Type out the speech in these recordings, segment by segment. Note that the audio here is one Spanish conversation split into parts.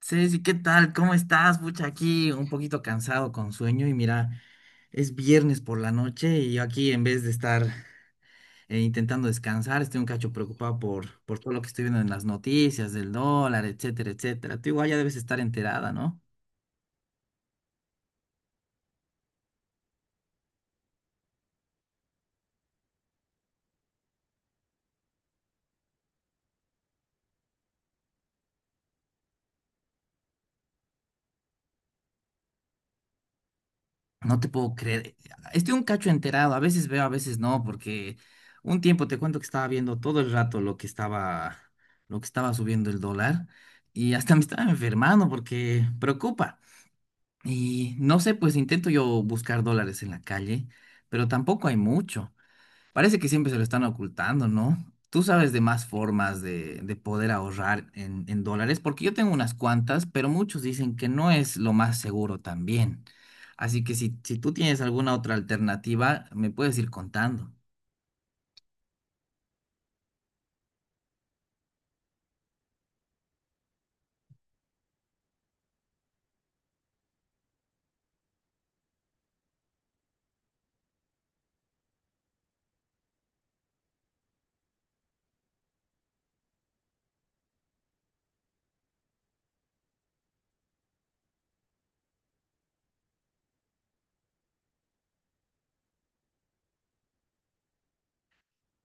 Ceci, ¿qué tal? ¿Cómo estás? Pucha, aquí un poquito cansado con sueño y mira, es viernes por la noche y yo aquí en vez de estar intentando descansar, estoy un cacho preocupado por todo lo que estoy viendo en las noticias del dólar, etcétera, etcétera. Tú igual ya debes estar enterada, ¿no? No te puedo creer. Estoy un cacho enterado, a veces veo, a veces no, porque un tiempo te cuento que estaba viendo todo el rato lo que estaba subiendo el dólar y hasta me estaba enfermando porque preocupa. Y no sé, pues intento yo buscar dólares en la calle, pero tampoco hay mucho. Parece que siempre se lo están ocultando, ¿no? Tú sabes de más formas de poder ahorrar en dólares, porque yo tengo unas cuantas, pero muchos dicen que no es lo más seguro también. Así que si tú tienes alguna otra alternativa, me puedes ir contando.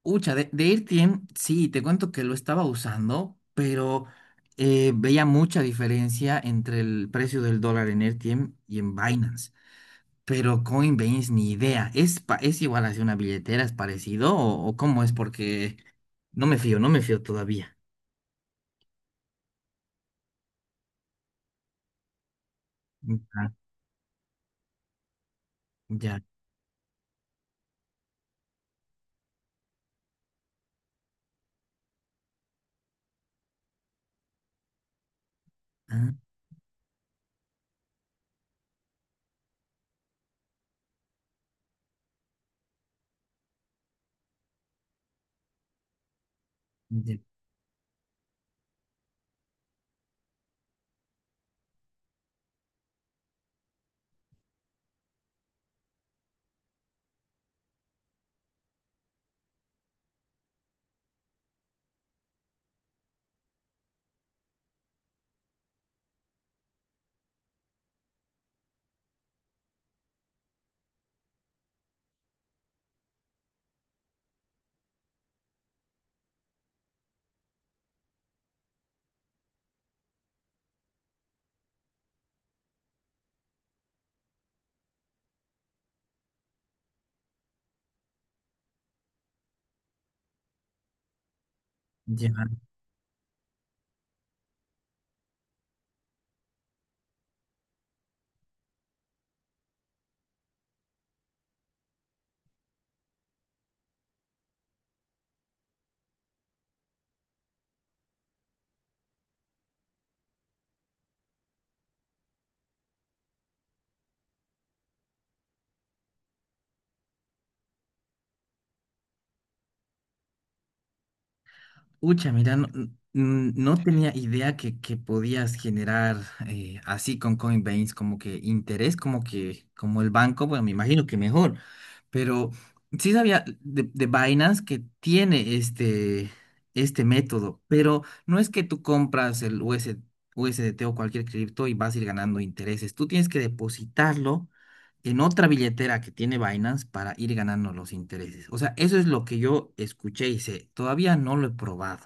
Ucha, de AirTM, sí, te cuento que lo estaba usando, pero veía mucha diferencia entre el precio del dólar en AirTM y en Binance. Pero Coinbase ni idea. ¿Es, es igual hacia una billetera? ¿Es parecido? O cómo es? Porque no me fío todavía. Ya, ya, ah, ya, ya. Ucha, mira, no, no tenía idea que podías generar así con Coinbase como que interés, como que, como el banco, bueno, me imagino que mejor, pero sí sabía de Binance que tiene este método, pero no es que tú compras el US USDT o cualquier cripto y vas a ir ganando intereses, tú tienes que depositarlo en otra billetera que tiene Binance para ir ganando los intereses. O sea, eso es lo que yo escuché y sé, todavía no lo he probado.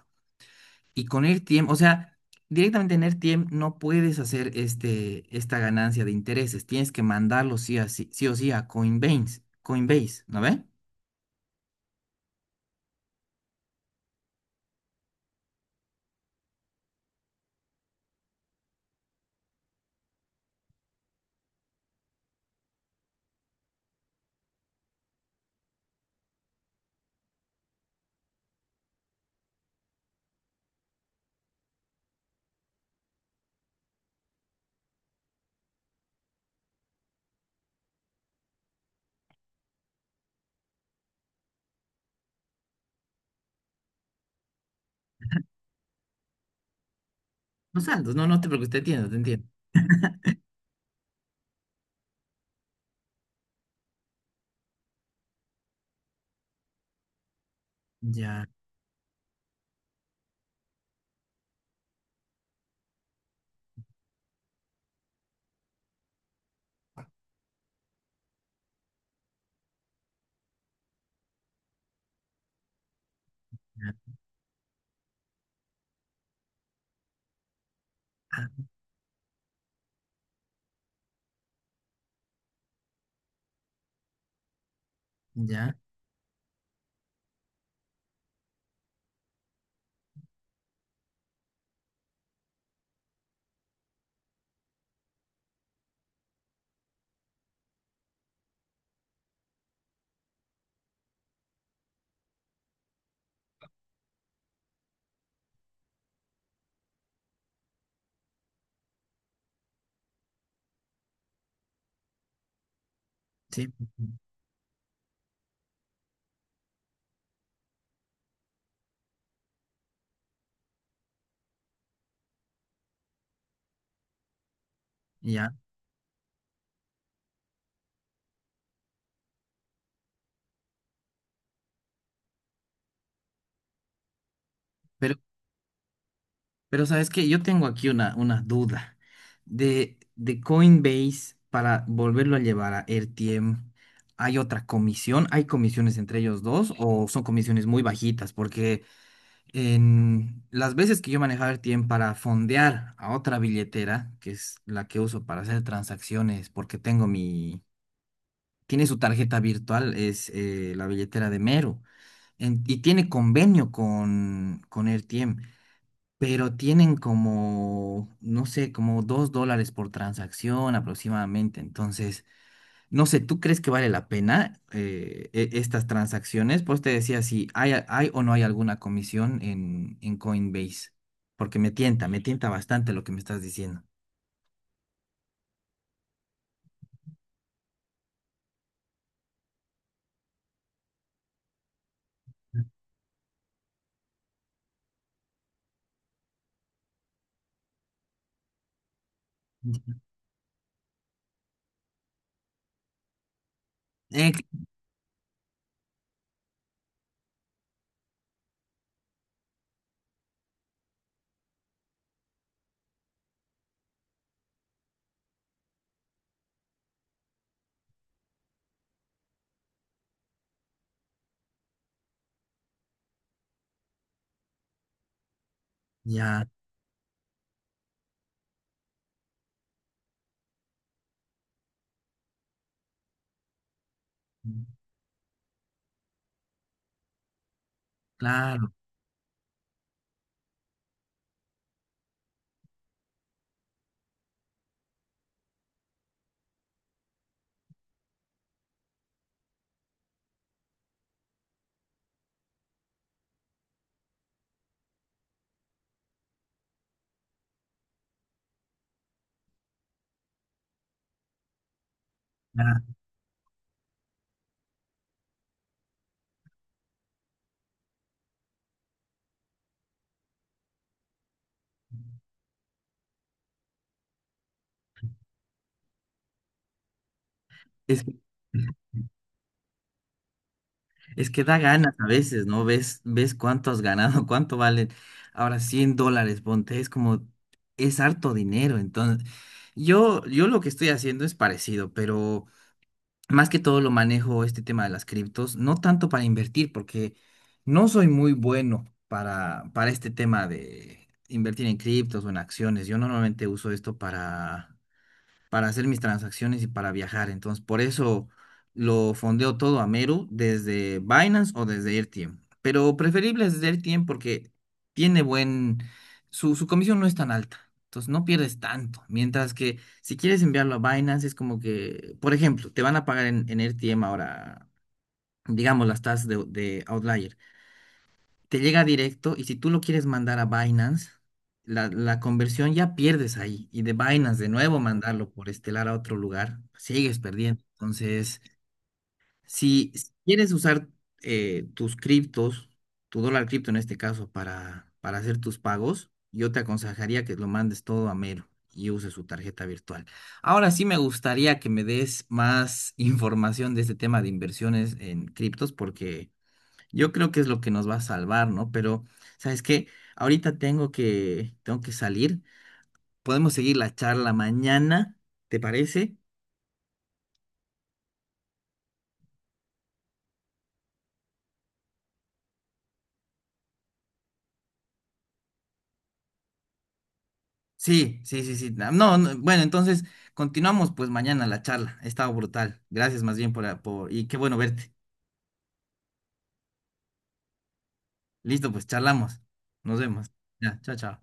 Y con RTM, o sea, directamente en RTM no puedes hacer esta ganancia de intereses. Tienes que mandarlo sí, sí o sí a Coinbase, Coinbase, ¿no ve? Los saldos, no, no te preocupes, te entiendo, te entiendo. Ya, ya, ah, ya, sí, ya. Pero, pero ¿sabes que yo tengo aquí una duda de Coinbase para volverlo a llevar a RTM? ¿Hay otra comisión? ¿Hay comisiones entre ellos dos o son comisiones muy bajitas? Porque en las veces que yo manejaba el tiempo para fondear a otra billetera, que es la que uso para hacer transacciones, porque tengo mi, tiene su tarjeta virtual, es la billetera de Mero, y tiene convenio con Airtiem, pero tienen como, no sé, como dos dólares por transacción aproximadamente. Entonces, no sé, ¿tú crees que vale la pena estas transacciones? Pues te decía si hay, hay o no hay alguna comisión en Coinbase, porque me tienta bastante lo que me estás diciendo. Ex- ya, claro, ya. Es que, es que da ganas a veces, ¿no? Ves, ves cuánto has ganado, cuánto valen. Ahora 100 dólares, ponte, es como, es harto dinero. Entonces, yo lo que estoy haciendo es parecido, pero más que todo lo manejo este tema de las criptos, no tanto para invertir, porque no soy muy bueno para este tema de invertir en criptos o en acciones. Yo normalmente uso esto para hacer mis transacciones y para viajar. Entonces, por eso lo fondeo todo a Meru desde Binance o desde RTM. Pero preferible es desde RTM porque tiene buen, su comisión no es tan alta. Entonces no pierdes tanto. Mientras que si quieres enviarlo a Binance, es como que, por ejemplo, te van a pagar en RTM ahora, digamos, las tasas de Outlier te llega directo y si tú lo quieres mandar a Binance, la conversión ya pierdes ahí. Y de Binance de nuevo mandarlo por Estelar a otro lugar, sigues perdiendo. Entonces, si quieres usar tus criptos, tu dólar cripto en este caso, para hacer tus pagos, yo te aconsejaría que lo mandes todo a Mero y uses su tarjeta virtual. Ahora sí me gustaría que me des más información de este tema de inversiones en criptos porque yo creo que es lo que nos va a salvar, ¿no? Pero ¿sabes qué? Ahorita tengo que salir. Podemos seguir la charla mañana, ¿te parece? Sí, sí, sí, sí. No, no, bueno, entonces continuamos pues mañana la charla. Ha estado brutal. Gracias más bien por, ah, por, y qué bueno verte. Listo, pues charlamos. Nos vemos. Ya, chao, chao.